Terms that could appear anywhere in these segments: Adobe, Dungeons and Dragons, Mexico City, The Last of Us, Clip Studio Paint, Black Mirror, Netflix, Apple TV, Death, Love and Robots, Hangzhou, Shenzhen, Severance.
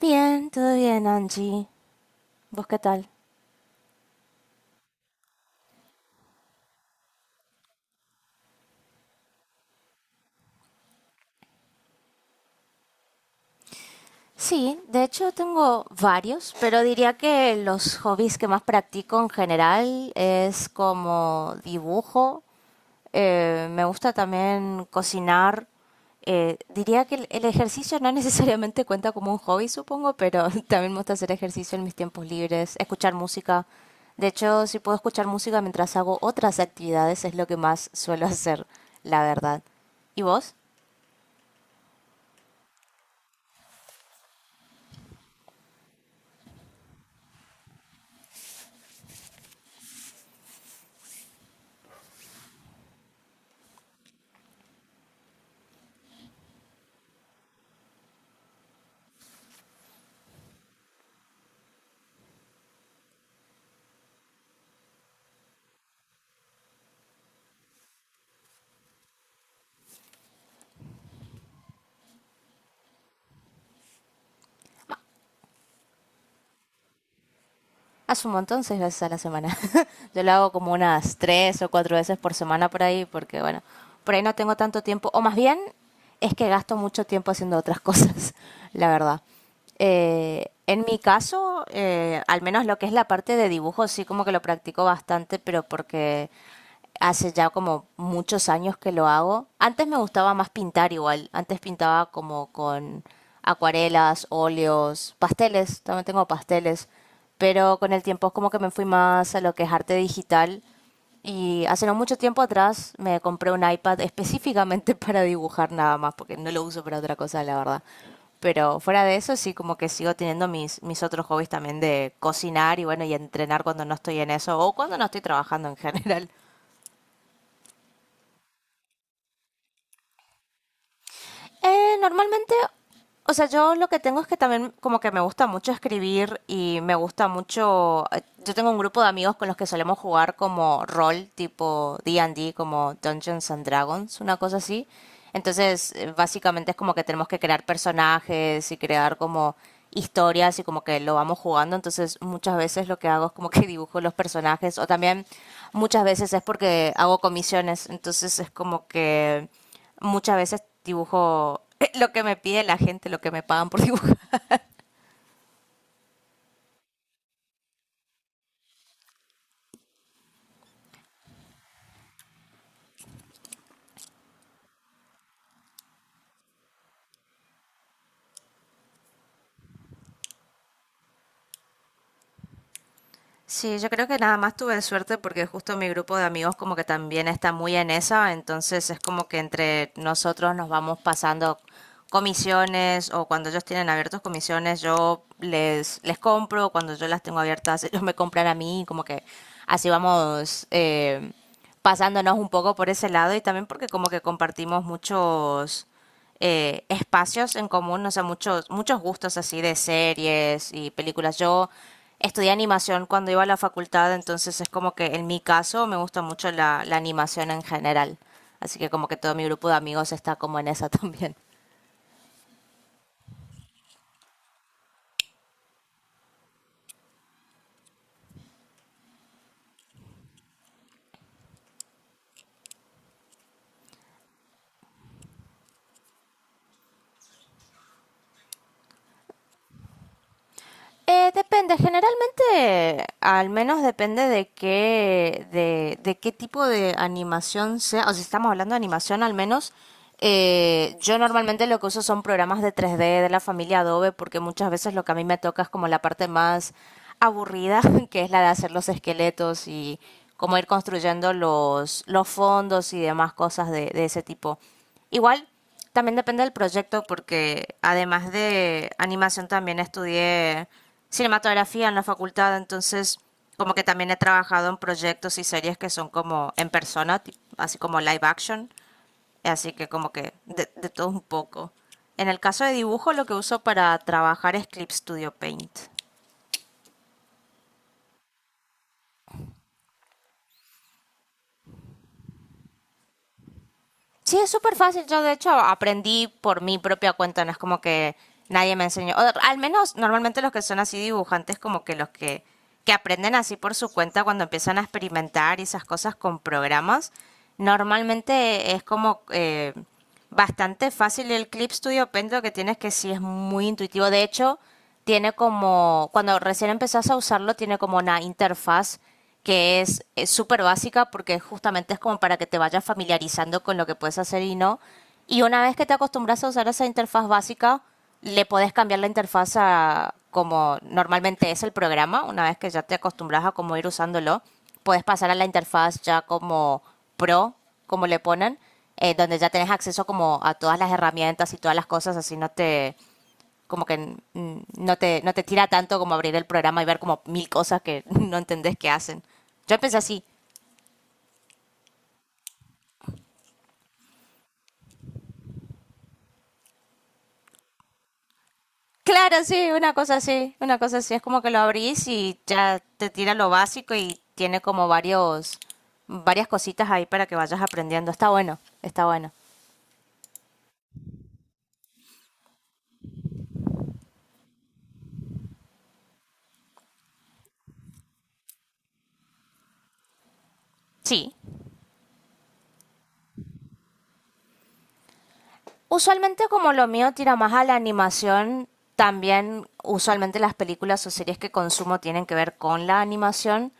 Bien, todo bien, Angie. ¿Vos qué tal? Sí, de hecho tengo varios, pero diría que los hobbies que más practico en general es como dibujo. Me gusta también cocinar. Diría que el ejercicio no necesariamente cuenta como un hobby, supongo, pero también me gusta hacer ejercicio en mis tiempos libres, escuchar música. De hecho, si puedo escuchar música mientras hago otras actividades, es lo que más suelo hacer, la verdad. ¿Y vos? Hace un montón, seis veces a la semana. Yo lo hago como unas tres o cuatro veces por semana por ahí, porque bueno, por ahí no tengo tanto tiempo, o más bien es que gasto mucho tiempo haciendo otras cosas, la verdad. En mi caso, al menos lo que es la parte de dibujo, sí como que lo practico bastante, pero porque hace ya como muchos años que lo hago. Antes me gustaba más pintar igual, antes pintaba como con acuarelas, óleos, pasteles, también tengo pasteles, pero con el tiempo es como que me fui más a lo que es arte digital y hace no mucho tiempo atrás me compré un iPad específicamente para dibujar nada más, porque no lo uso para otra cosa, la verdad. Pero fuera de eso, sí, como que sigo teniendo mis otros hobbies también de cocinar y bueno, y entrenar cuando no estoy en eso o cuando no estoy trabajando en general. Normalmente, o sea, yo lo que tengo es que también como que me gusta mucho escribir y me gusta mucho... Yo tengo un grupo de amigos con los que solemos jugar como rol, tipo D and D, como Dungeons and Dragons, una cosa así. Entonces, básicamente es como que tenemos que crear personajes y crear como historias y como que lo vamos jugando, entonces muchas veces lo que hago es como que dibujo los personajes o también muchas veces es porque hago comisiones, entonces es como que muchas veces dibujo lo que me pide la gente, lo que me pagan por dibujar. Sí, yo creo que nada más tuve suerte porque justo mi grupo de amigos como que también está muy en esa, entonces es como que entre nosotros nos vamos pasando comisiones o cuando ellos tienen abiertos comisiones yo les compro, cuando yo las tengo abiertas ellos me compran a mí, como que así vamos, pasándonos un poco por ese lado y también porque como que compartimos muchos espacios en común, no sé, muchos gustos así de series y películas. Yo estudié animación cuando iba a la facultad, entonces es como que en mi caso me gusta mucho la animación en general. Así que como que todo mi grupo de amigos está como en esa también. Depende, generalmente, al menos depende de qué, de qué tipo de animación sea, o si estamos hablando de animación al menos, yo normalmente lo que uso son programas de 3D de la familia Adobe, porque muchas veces lo que a mí me toca es como la parte más aburrida, que es la de hacer los esqueletos y cómo ir construyendo los fondos y demás cosas de ese tipo. Igual, también depende del proyecto porque además de animación también estudié cinematografía en la facultad, entonces como que también he trabajado en proyectos y series que son como en persona, así como live action, así que como que de todo un poco. En el caso de dibujo lo que uso para trabajar es Clip Studio Paint. Sí, es súper fácil. Yo, de hecho, aprendí por mi propia cuenta. No es como que nadie me enseñó. O, al menos, normalmente los que son así dibujantes, como que que aprenden así por su cuenta cuando empiezan a experimentar y esas cosas con programas, normalmente es como bastante fácil el Clip Studio Paint, lo que tienes que sí es muy intuitivo. De hecho, tiene como, cuando recién empezás a usarlo, tiene como una interfaz que es súper básica porque justamente es como para que te vayas familiarizando con lo que puedes hacer y no. Y una vez que te acostumbras a usar esa interfaz básica, le podés cambiar la interfaz a como normalmente es el programa, una vez que ya te acostumbras a cómo ir usándolo puedes pasar a la interfaz ya como pro, como le ponen, donde ya tenés acceso como a todas las herramientas y todas las cosas, así no te como que no te, no te tira tanto como abrir el programa y ver como mil cosas que no entendés qué hacen. Yo empecé así. Claro, sí, una cosa así, una cosa así. Es como que lo abrís y ya te tira lo básico y tiene como varios, varias cositas ahí para que vayas aprendiendo. Está bueno, está bueno. Sí. Usualmente como lo mío tira más a la animación, también usualmente las películas o series que consumo tienen que ver con la animación,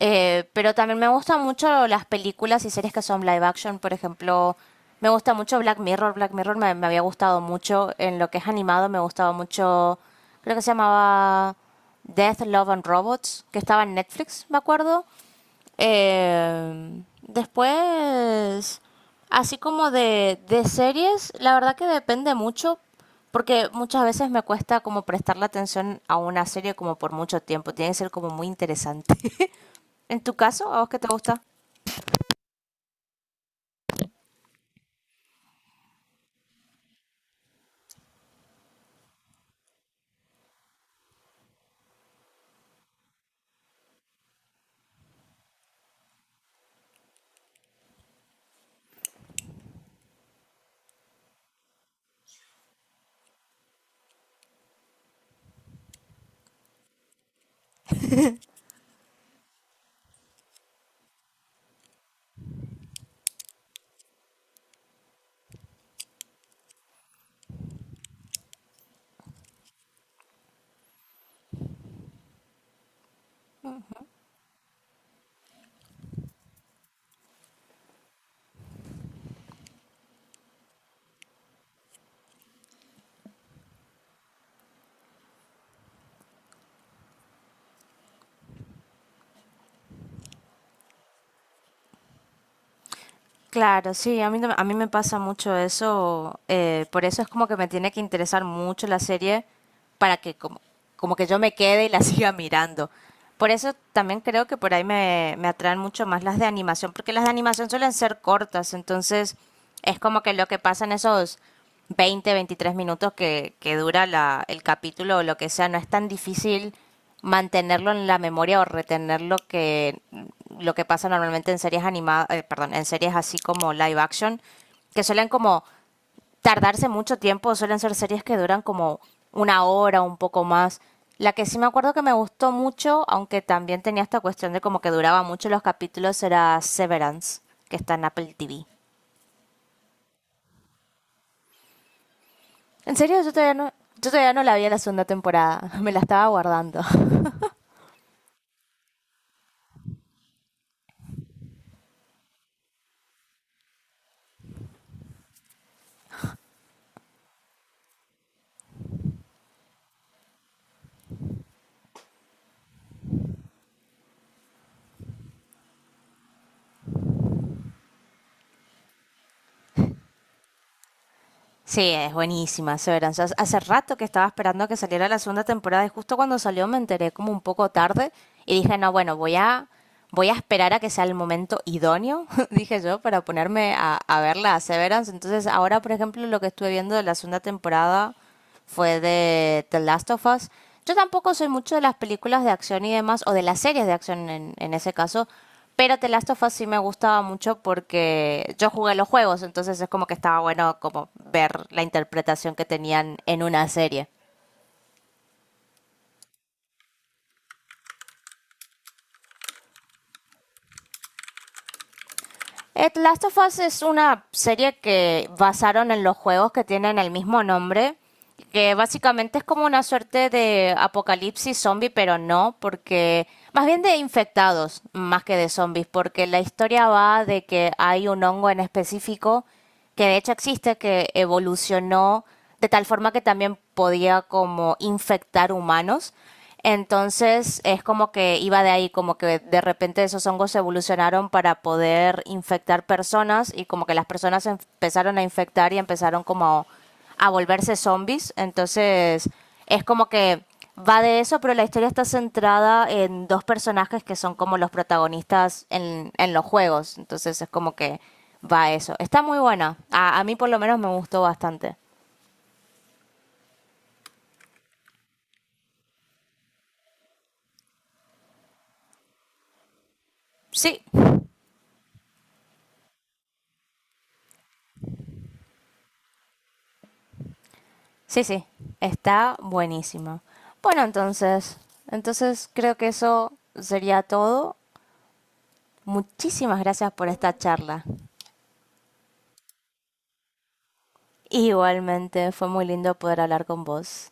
pero también me gustan mucho las películas y series que son live action, por ejemplo, me gusta mucho Black Mirror, Black Mirror me había gustado mucho. En lo que es animado, me gustaba mucho, creo que se llamaba Death, Love and Robots, que estaba en Netflix, me acuerdo. Eh, después, así como de series, la verdad que depende mucho, porque muchas veces me cuesta como prestarle atención a una serie como por mucho tiempo, tiene que ser como muy interesante. ¿En tu caso, a vos qué te gusta? Claro, sí, a mí, a mí me pasa mucho eso, por eso es como que me tiene que interesar mucho la serie para que como, como que yo me quede y la siga mirando. Por eso también creo que por ahí me atraen mucho más las de animación, porque las de animación suelen ser cortas, entonces es como que lo que pasa en esos 20, 23 minutos que dura el capítulo o lo que sea, no es tan difícil mantenerlo en la memoria o retener lo que pasa normalmente en series animadas. Perdón, en series así como live action, que suelen como tardarse mucho tiempo, suelen ser series que duran como una hora, un poco más. La que sí me acuerdo que me gustó mucho, aunque también tenía esta cuestión de como que duraba mucho los capítulos, era Severance, que está en Apple TV. En serio, yo todavía no la vi en la segunda temporada. Me la estaba guardando. Sí, es buenísima Severance. Hace rato que estaba esperando que saliera la segunda temporada y justo cuando salió me enteré como un poco tarde y dije, no, bueno, voy a esperar a que sea el momento idóneo, dije yo, para ponerme a verla a Severance. Entonces ahora, por ejemplo, lo que estuve viendo de la segunda temporada fue de The Last of Us. Yo tampoco soy mucho de las películas de acción y demás, o de las series de acción en ese caso, pero The Last of Us sí me gustaba mucho porque yo jugué los juegos, entonces es como que estaba bueno como ver la interpretación que tenían en una serie. Last of Us es una serie que basaron en los juegos que tienen el mismo nombre, que básicamente es como una suerte de apocalipsis zombie, pero no, porque más bien de infectados más que de zombies, porque la historia va de que hay un hongo en específico que de hecho existe, que evolucionó de tal forma que también podía como infectar humanos. Entonces es como que iba de ahí, como que de repente esos hongos evolucionaron para poder infectar personas y como que las personas se empezaron a infectar y empezaron como a volverse zombies. Entonces, es como que va de eso, pero la historia está centrada en dos personajes que son como los protagonistas en los juegos. Entonces, es como que va a eso. Está muy buena. A mí, por lo menos, me gustó bastante. Sí, sí, sí. Está buenísima. Bueno, entonces, entonces creo que eso sería todo. Muchísimas gracias por esta charla. Igualmente, fue muy lindo poder hablar con vos.